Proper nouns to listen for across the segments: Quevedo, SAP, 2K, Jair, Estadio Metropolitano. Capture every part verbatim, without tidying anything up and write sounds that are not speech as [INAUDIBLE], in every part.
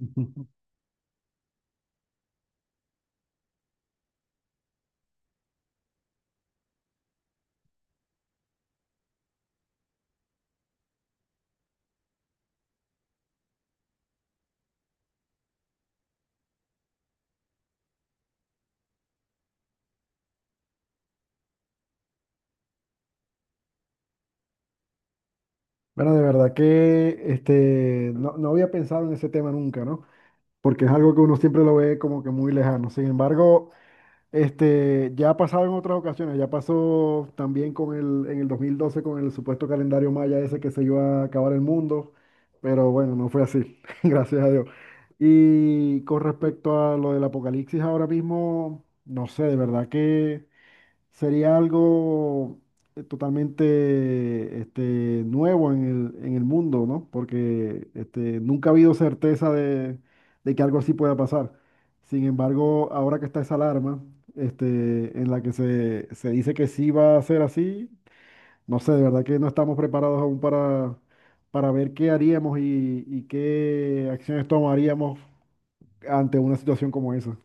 [LAUGHS] Ujú. Bueno, de verdad que este, no, no había pensado en ese tema nunca, ¿no? Porque es algo que uno siempre lo ve como que muy lejano. Sin embargo, este, ya ha pasado en otras ocasiones, ya pasó también con el, en el dos mil doce con el supuesto calendario maya ese que se iba a acabar el mundo, pero bueno, no fue así, [LAUGHS] gracias a Dios. Y con respecto a lo del apocalipsis ahora mismo, no sé, de verdad que sería algo eh, totalmente este, nuevo en el, en el mundo, ¿no? Porque este, nunca ha habido certeza de, de que algo así pueda pasar. Sin embargo, ahora que está esa alarma, este, en la que se, se dice que sí va a ser así, no sé, de verdad que no estamos preparados aún para, para ver qué haríamos y, y qué acciones tomaríamos ante una situación como esa.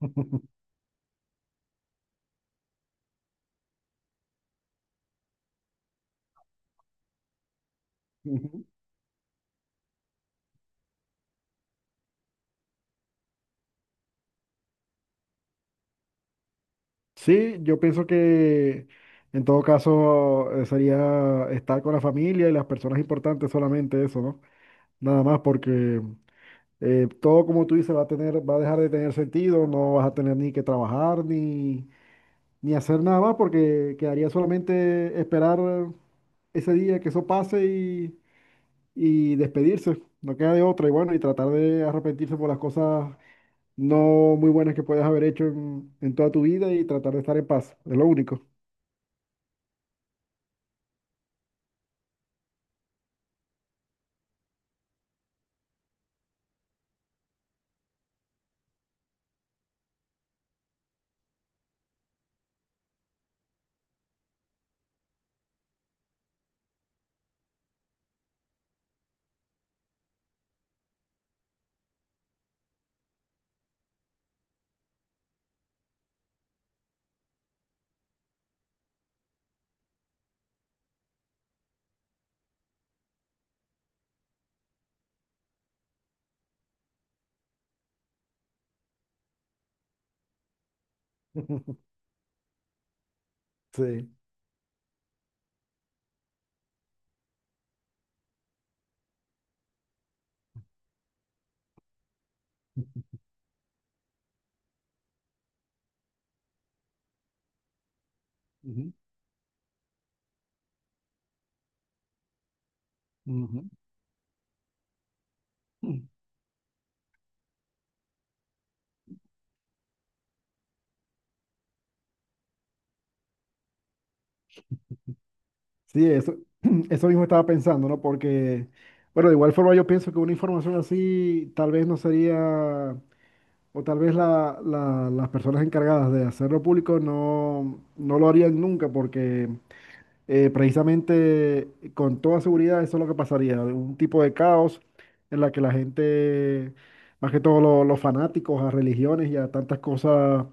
[LAUGHS] Sí, yo pienso que en todo caso eh, sería estar con la familia y las personas importantes, solamente eso, ¿no? Nada más porque eh, todo, como tú dices, va a tener, va a dejar de tener sentido, no vas a tener ni que trabajar ni, ni hacer nada más, porque quedaría solamente esperar ese día que eso pase y, y despedirse, no queda de otra, y bueno, y tratar de arrepentirse por las cosas no muy buenas que puedes haber hecho en en toda tu vida, y tratar de estar en paz, es lo único. [LAUGHS] Sí. Ujú, ujú. Sí, eso, [CLEARS THROAT] eso mismo estaba pensando, ¿no? Porque, bueno, de igual forma yo pienso que una información así tal vez no sería, o tal vez la- la- las personas encargadas de hacerlo público no, no lo harían nunca, porque eh, precisamente, con toda seguridad, eso es lo que pasaría, un tipo de caos en la que la gente, más que todo lo- los fanáticos a religiones y a tantas cosas,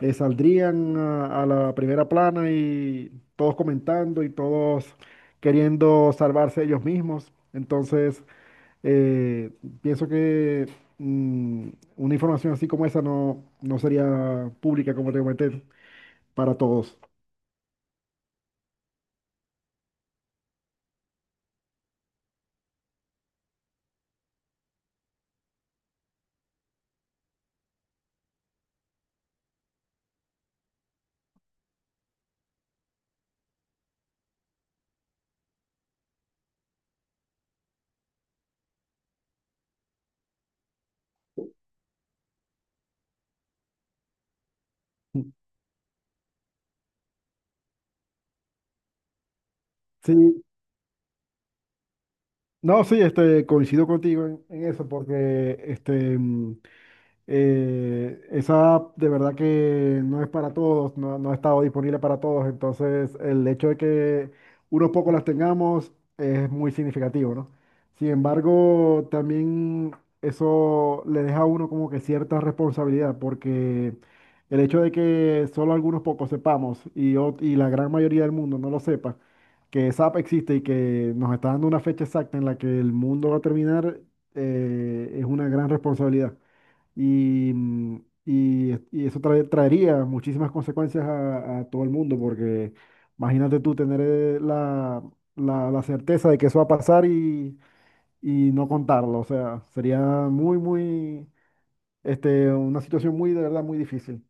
eh, saldrían a, a la primera plana, y todos comentando y todos queriendo salvarse ellos mismos. Entonces, eh, pienso que mm, una información así como esa no, no sería pública, como te comenté, para todos. Sí, no, sí, este, coincido contigo en, en eso, porque este, mm, eh, esa de verdad que no es para todos, no, no ha estado disponible para todos. Entonces, el hecho de que unos pocos las tengamos es muy significativo, ¿no? Sin embargo, también eso le deja a uno como que cierta responsabilidad, porque el hecho de que solo algunos pocos sepamos y, ot- y la gran mayoría del mundo no lo sepa, que sap existe y que nos está dando una fecha exacta en la que el mundo va a terminar, eh, es una gran responsabilidad. Y, mm, y, y eso trae- traería muchísimas consecuencias a, a todo el mundo, porque imagínate tú tener eh, la, la, la certeza de que eso va a pasar y, y no contarlo. O sea, sería muy, muy, este, una situación muy, de verdad, muy difícil.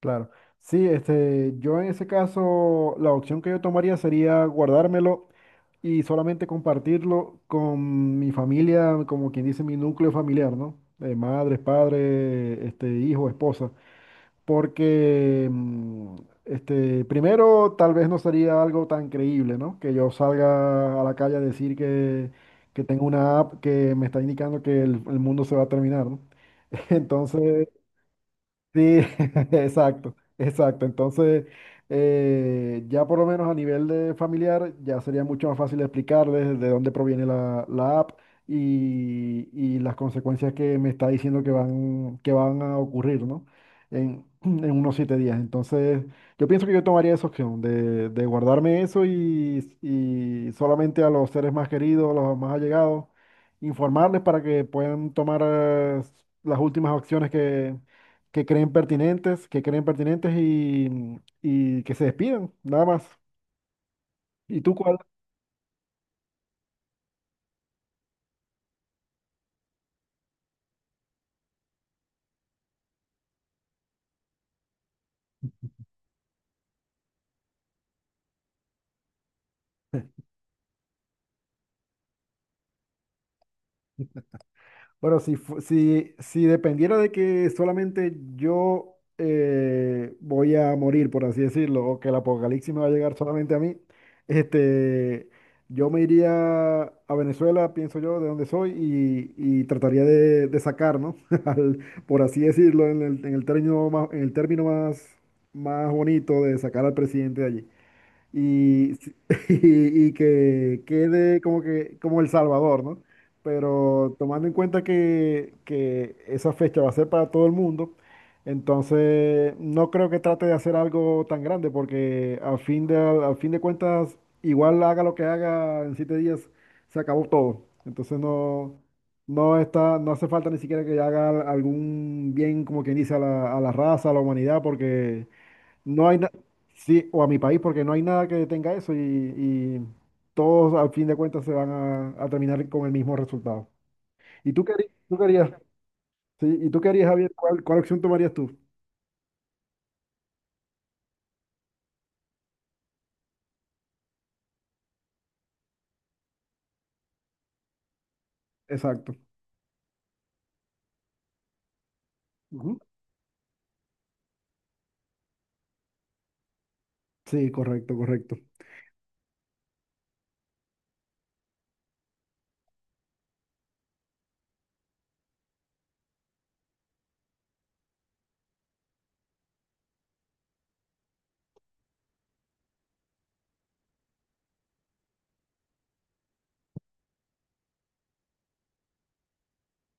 Claro. Sí, este, yo en ese caso, la opción que yo tomaría sería guardármelo y solamente compartirlo con mi familia, como quien dice, mi núcleo familiar, ¿no? Eh, madres, padres, este, hijo, esposa. Porque, mm, este, primero, tal vez no sería algo tan creíble, ¿no? Que yo salga a la calle a decir que, que, tengo una app que me está indicando que el, el mundo se va a terminar, ¿no? [LAUGHS] Entonces, sí, [LAUGHS] exacto, exacto. Entonces, eh, ya por lo menos a nivel de familiar, ya sería mucho más fácil explicarles de dónde proviene la, la app y, y las consecuencias que me está diciendo que van, que van a ocurrir, ¿no? En, [CLEARS THROAT] en unos siete días. Entonces, yo pienso que yo tomaría esa opción de, de guardarme eso y, y solamente a los seres más queridos, a los más allegados, informarles para que puedan tomar eh, las últimas acciones que creen pertinentes, que creen pertinentes, y, mm, y que se despidan, nada más. ¿Y tú cuál? Bueno, si, fu- si, si dependiera de que solamente yo eh, voy a morir, por así decirlo, o que el apocalipsis me va a llegar solamente a mí, este, yo me iría a Venezuela, pienso yo, de donde soy, y, y trataría de, de sacar, ¿no? [LAUGHS] Al- por así decirlo, en el en el término más, en el término más, más bonito, de sacar al presidente de allí y, [LAUGHS] y y que quede como que como El Salvador, ¿no? Pero tomando en cuenta que, que esa fecha va a ser para todo el mundo, entonces no creo que trate de hacer algo tan grande, porque al fin de, al fin de cuentas, igual haga lo que haga en siete días, se acabó todo. Entonces no, no está, no hace falta ni siquiera que haga algún bien, como quien dice, a la, a la raza, a la humanidad, porque no hay nada, sí, o a mi país, porque no hay nada que detenga eso, y, y todos al fin de cuentas se van a, a terminar con el mismo resultado. ¿Y tú qué harías? ¿Tú qué harías? Sí, ¿y tú qué harías, Javier? ¿Cuál, cuál opción tomarías tú? Exacto. Ujú. Sí, correcto, correcto.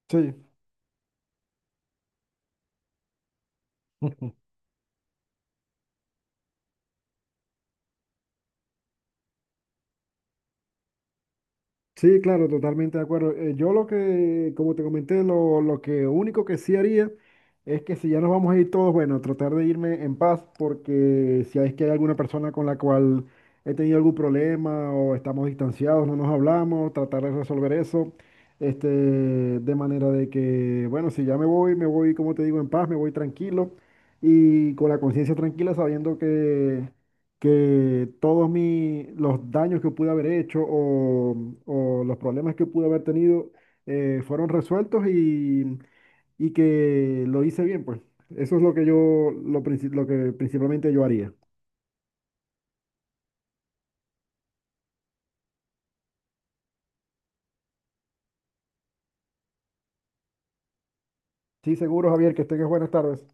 Sí. [LAUGHS] Sí, claro, totalmente de acuerdo. Eh, yo lo que, como te comenté, lo, lo que único que sí haría es que si ya nos vamos a ir todos, bueno, tratar de irme en paz, porque si es que hay alguna persona con la cual he tenido algún problema o estamos distanciados, no nos hablamos, tratar de resolver eso, este, de manera de que, bueno, si ya me voy, me voy, como te digo, en paz, me voy tranquilo y con la conciencia tranquila, sabiendo que todos mis, los daños que pude haber hecho o, o los problemas que pude haber tenido eh, fueron resueltos, y, y que lo hice bien, pues. Eso es lo que yo, lo, princi- lo que principalmente yo haría. Sí, seguro, Javier, que tengas buenas tardes.